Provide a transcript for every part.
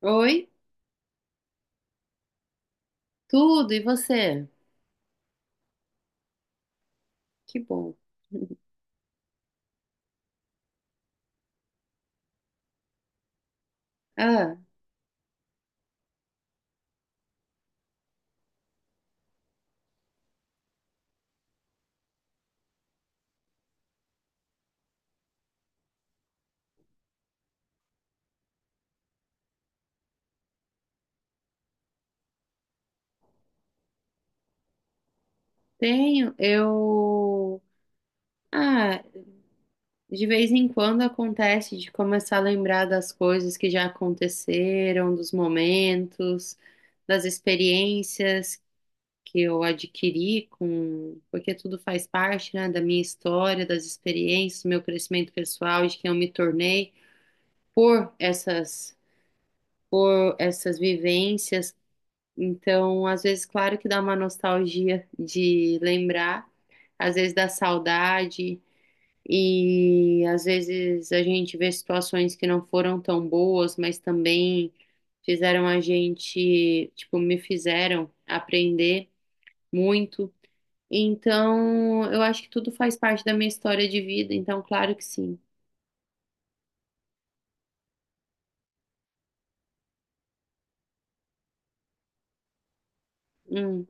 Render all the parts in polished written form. Oi, tudo, e você? Que bom. Ah, tenho, eu. Ah, de vez em quando acontece de começar a lembrar das coisas que já aconteceram, dos momentos, das experiências que eu adquiri porque tudo faz parte, né, da minha história, das experiências, do meu crescimento pessoal, de quem eu me tornei por essas, por essas vivências. Então, às vezes, claro que dá uma nostalgia de lembrar, às vezes dá saudade, e às vezes a gente vê situações que não foram tão boas, mas também fizeram a gente, tipo, me fizeram aprender muito. Então, eu acho que tudo faz parte da minha história de vida, então, claro que sim. Hum.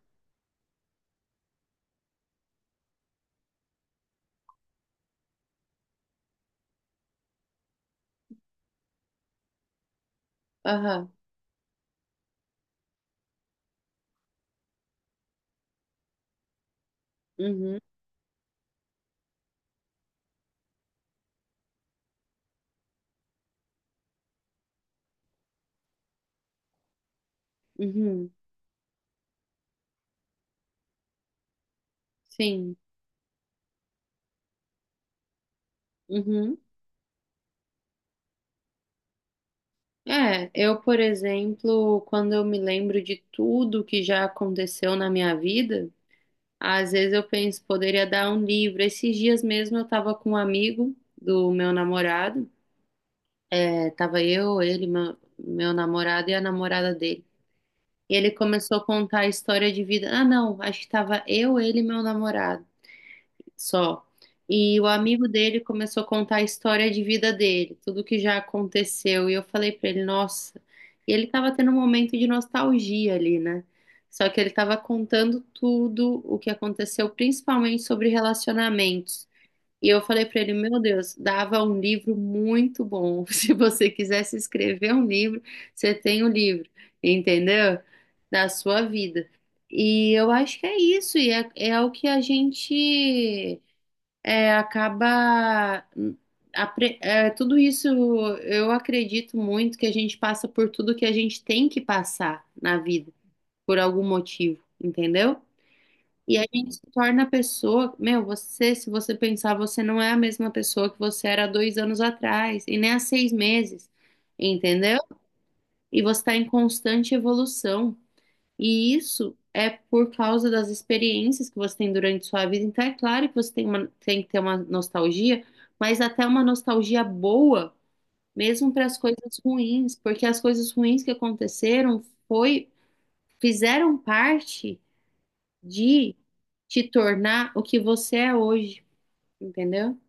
Aham. Uhum. Uhum. Sim. Uhum. É, eu, por exemplo, quando eu me lembro de tudo que já aconteceu na minha vida, às vezes eu penso, poderia dar um livro. Esses dias mesmo eu tava com um amigo do meu namorado, tava eu, ele, meu namorado e a namorada dele. E ele começou a contar a história de vida. Ah, não, acho que tava eu, ele e meu namorado só. E o amigo dele começou a contar a história de vida dele, tudo que já aconteceu. E eu falei pra ele, nossa. E ele tava tendo um momento de nostalgia ali, né? Só que ele tava contando tudo o que aconteceu, principalmente sobre relacionamentos. E eu falei pra ele, meu Deus, dava um livro muito bom. Se você quisesse escrever um livro, você tem o livro, entendeu? Da sua vida. E eu acho que é isso, e é o que a gente acaba, tudo isso eu acredito muito que a gente passa por tudo que a gente tem que passar na vida por algum motivo, entendeu? E a gente se torna a pessoa, meu, você, se você pensar, você não é a mesma pessoa que você era há 2 anos atrás, e nem há 6 meses, entendeu? E você está em constante evolução. E isso é por causa das experiências que você tem durante sua vida. Então, é claro que você tem tem que ter uma nostalgia, mas até uma nostalgia boa, mesmo para as coisas ruins, porque as coisas ruins que aconteceram foi, fizeram parte de te tornar o que você é hoje, entendeu?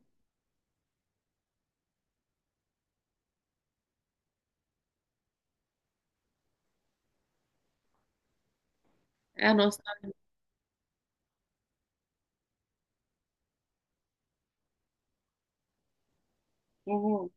É a nossa. Uhum.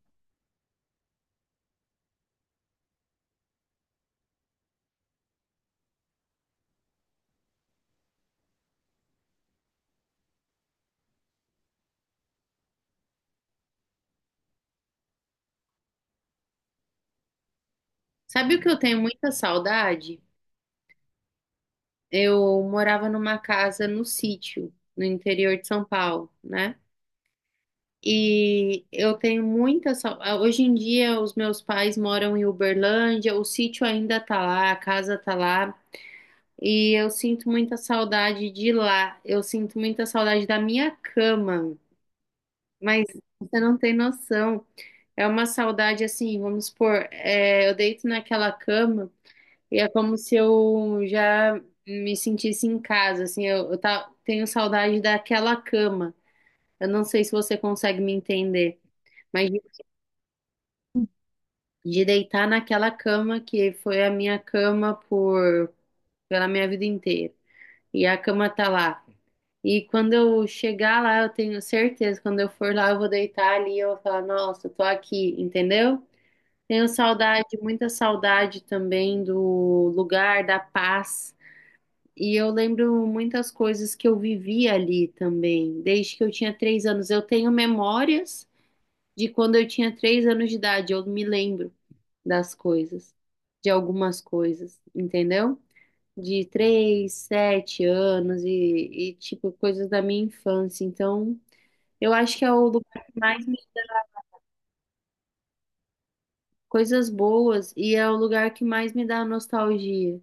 Sabe o que eu tenho muita saudade? Eu morava numa casa no sítio, no interior de São Paulo, né? E eu tenho muita saudade. Hoje em dia, os meus pais moram em Uberlândia, o sítio ainda tá lá, a casa tá lá, e eu sinto muita saudade de lá. Eu sinto muita saudade da minha cama, mas você não tem noção. É uma saudade assim, vamos supor, eu deito naquela cama e é como se eu já me sentisse em casa, assim, eu tenho saudade daquela cama. Eu não sei se você consegue me entender. Mas de deitar naquela cama que foi a minha cama por pela minha vida inteira. E a cama tá lá. E quando eu chegar lá, eu tenho certeza, quando eu for lá, eu vou deitar ali e eu vou falar, nossa, eu tô aqui, entendeu? Tenho saudade, muita saudade também do lugar, da paz. E eu lembro muitas coisas que eu vivi ali também, desde que eu tinha 3 anos. Eu tenho memórias de quando eu tinha 3 anos de idade, eu me lembro das coisas, de algumas coisas, entendeu? De 3, 7 anos e, tipo, coisas da minha infância. Então, eu acho que é o lugar que mais me dá coisas boas e é o lugar que mais me dá nostalgia.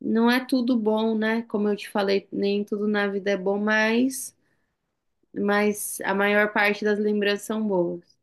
Não é tudo bom, né? Como eu te falei, nem tudo na vida é bom, mas a maior parte das lembranças são boas.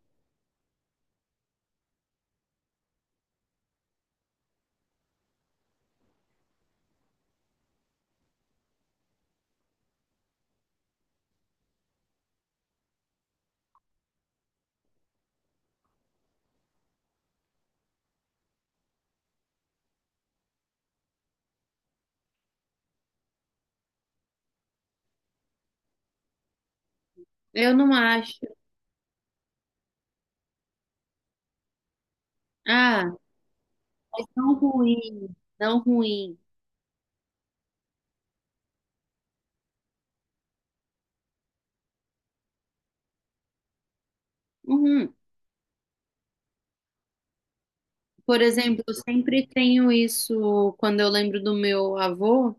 Eu não acho. Ah, não ruim, não ruim. Uhum. Por exemplo, eu sempre tenho isso quando eu lembro do meu avô,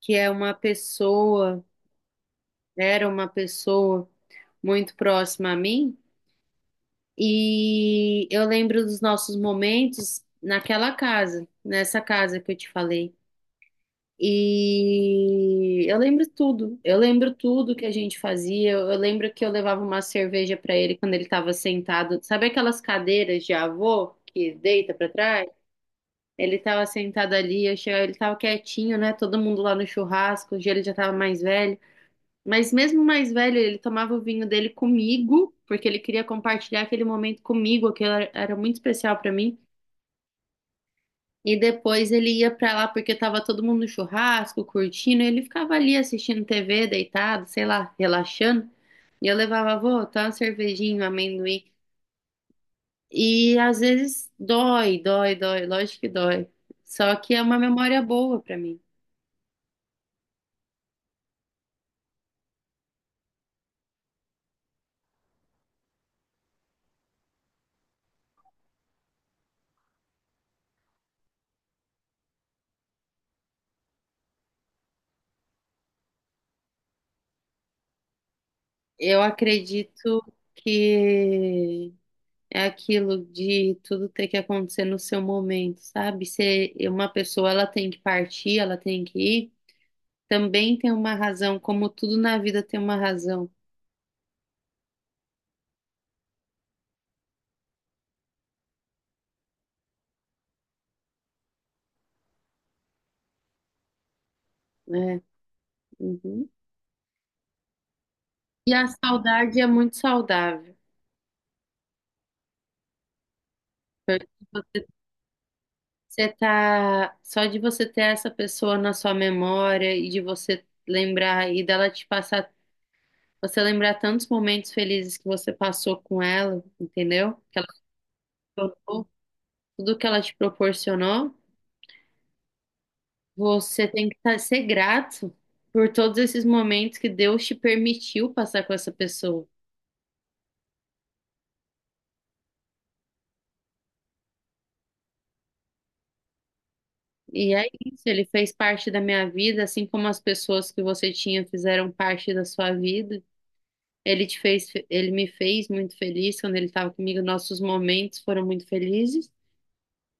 que é uma pessoa, era uma pessoa muito próxima a mim, e eu lembro dos nossos momentos naquela casa, nessa casa que eu te falei. E eu lembro tudo que a gente fazia. Eu lembro que eu levava uma cerveja para ele quando ele estava sentado, sabe aquelas cadeiras de avô que deita para trás? Ele estava sentado ali, eu chegava, ele estava quietinho, né? Todo mundo lá no churrasco, hoje ele já estava mais velho. Mas mesmo mais velho, ele tomava o vinho dele comigo, porque ele queria compartilhar aquele momento comigo, que era muito especial para mim. E depois ele ia para lá porque estava todo mundo no churrasco, curtindo, e ele ficava ali assistindo TV, deitado, sei lá, relaxando. E eu levava, vô, tá uma cervejinha, um amendoim. E às vezes dói, dói, dói, lógico que dói. Só que é uma memória boa para mim. Eu acredito que é aquilo de tudo ter que acontecer no seu momento, sabe? Se uma pessoa ela tem que partir, ela tem que ir, também tem uma razão, como tudo na vida tem uma razão, né? Uhum. E a saudade é muito saudável. Você, só de você ter essa pessoa na sua memória e de você lembrar e dela te passar, você lembrar tantos momentos felizes que você passou com ela, entendeu? Que ela te tornou tudo que ela te proporcionou, você tem que ser grato por todos esses momentos que Deus te permitiu passar com essa pessoa. E é isso, ele fez parte da minha vida, assim como as pessoas que você tinha fizeram parte da sua vida. Ele te fez, ele me fez muito feliz quando ele estava comigo, nossos momentos foram muito felizes,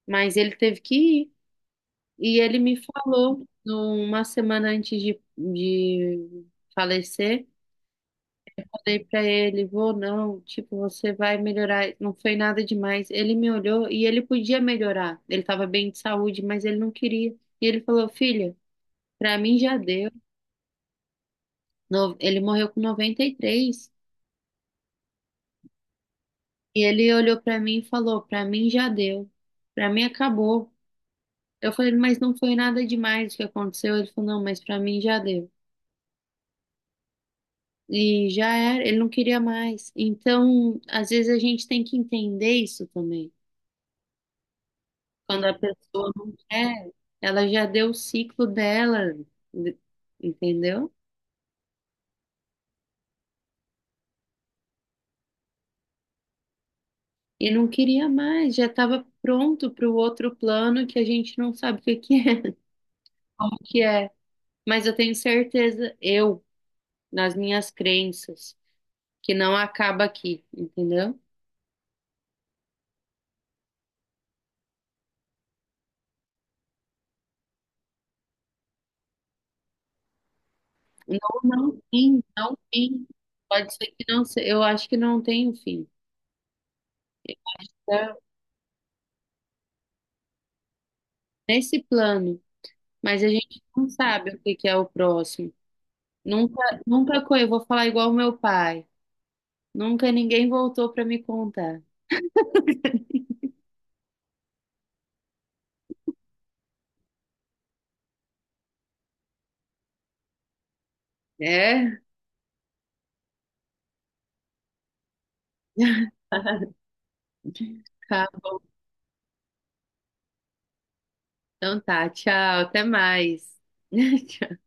mas ele teve que ir. E ele me falou, numa semana antes de falecer. Falei pra ele, vou não, tipo, você vai melhorar. Não foi nada demais. Ele me olhou e ele podia melhorar. Ele tava bem de saúde, mas ele não queria. E ele falou, filha, pra mim já deu. Ele morreu com 93. E três. E ele olhou pra mim e falou, pra mim já deu. Pra mim acabou. Eu falei, mas não foi nada demais o que aconteceu. Ele falou, não, mas pra mim já deu. E já era, ele não queria mais. Então, às vezes a gente tem que entender isso também. Quando a pessoa não quer, ela já deu o ciclo dela, de- entendeu? E não queria mais, já estava pronto para o outro plano que a gente não sabe o que que é, como que é. Mas eu tenho certeza, eu, nas minhas crenças, que não acaba aqui, entendeu? Não, não tem, não tem. Pode ser que não, eu acho que não tem o fim. Tá? Nesse plano, mas a gente não sabe o que que é o próximo. Nunca, nunca, eu vou falar igual meu pai. Nunca ninguém voltou para me contar. É? Tá bom. Então tá, tchau, até mais.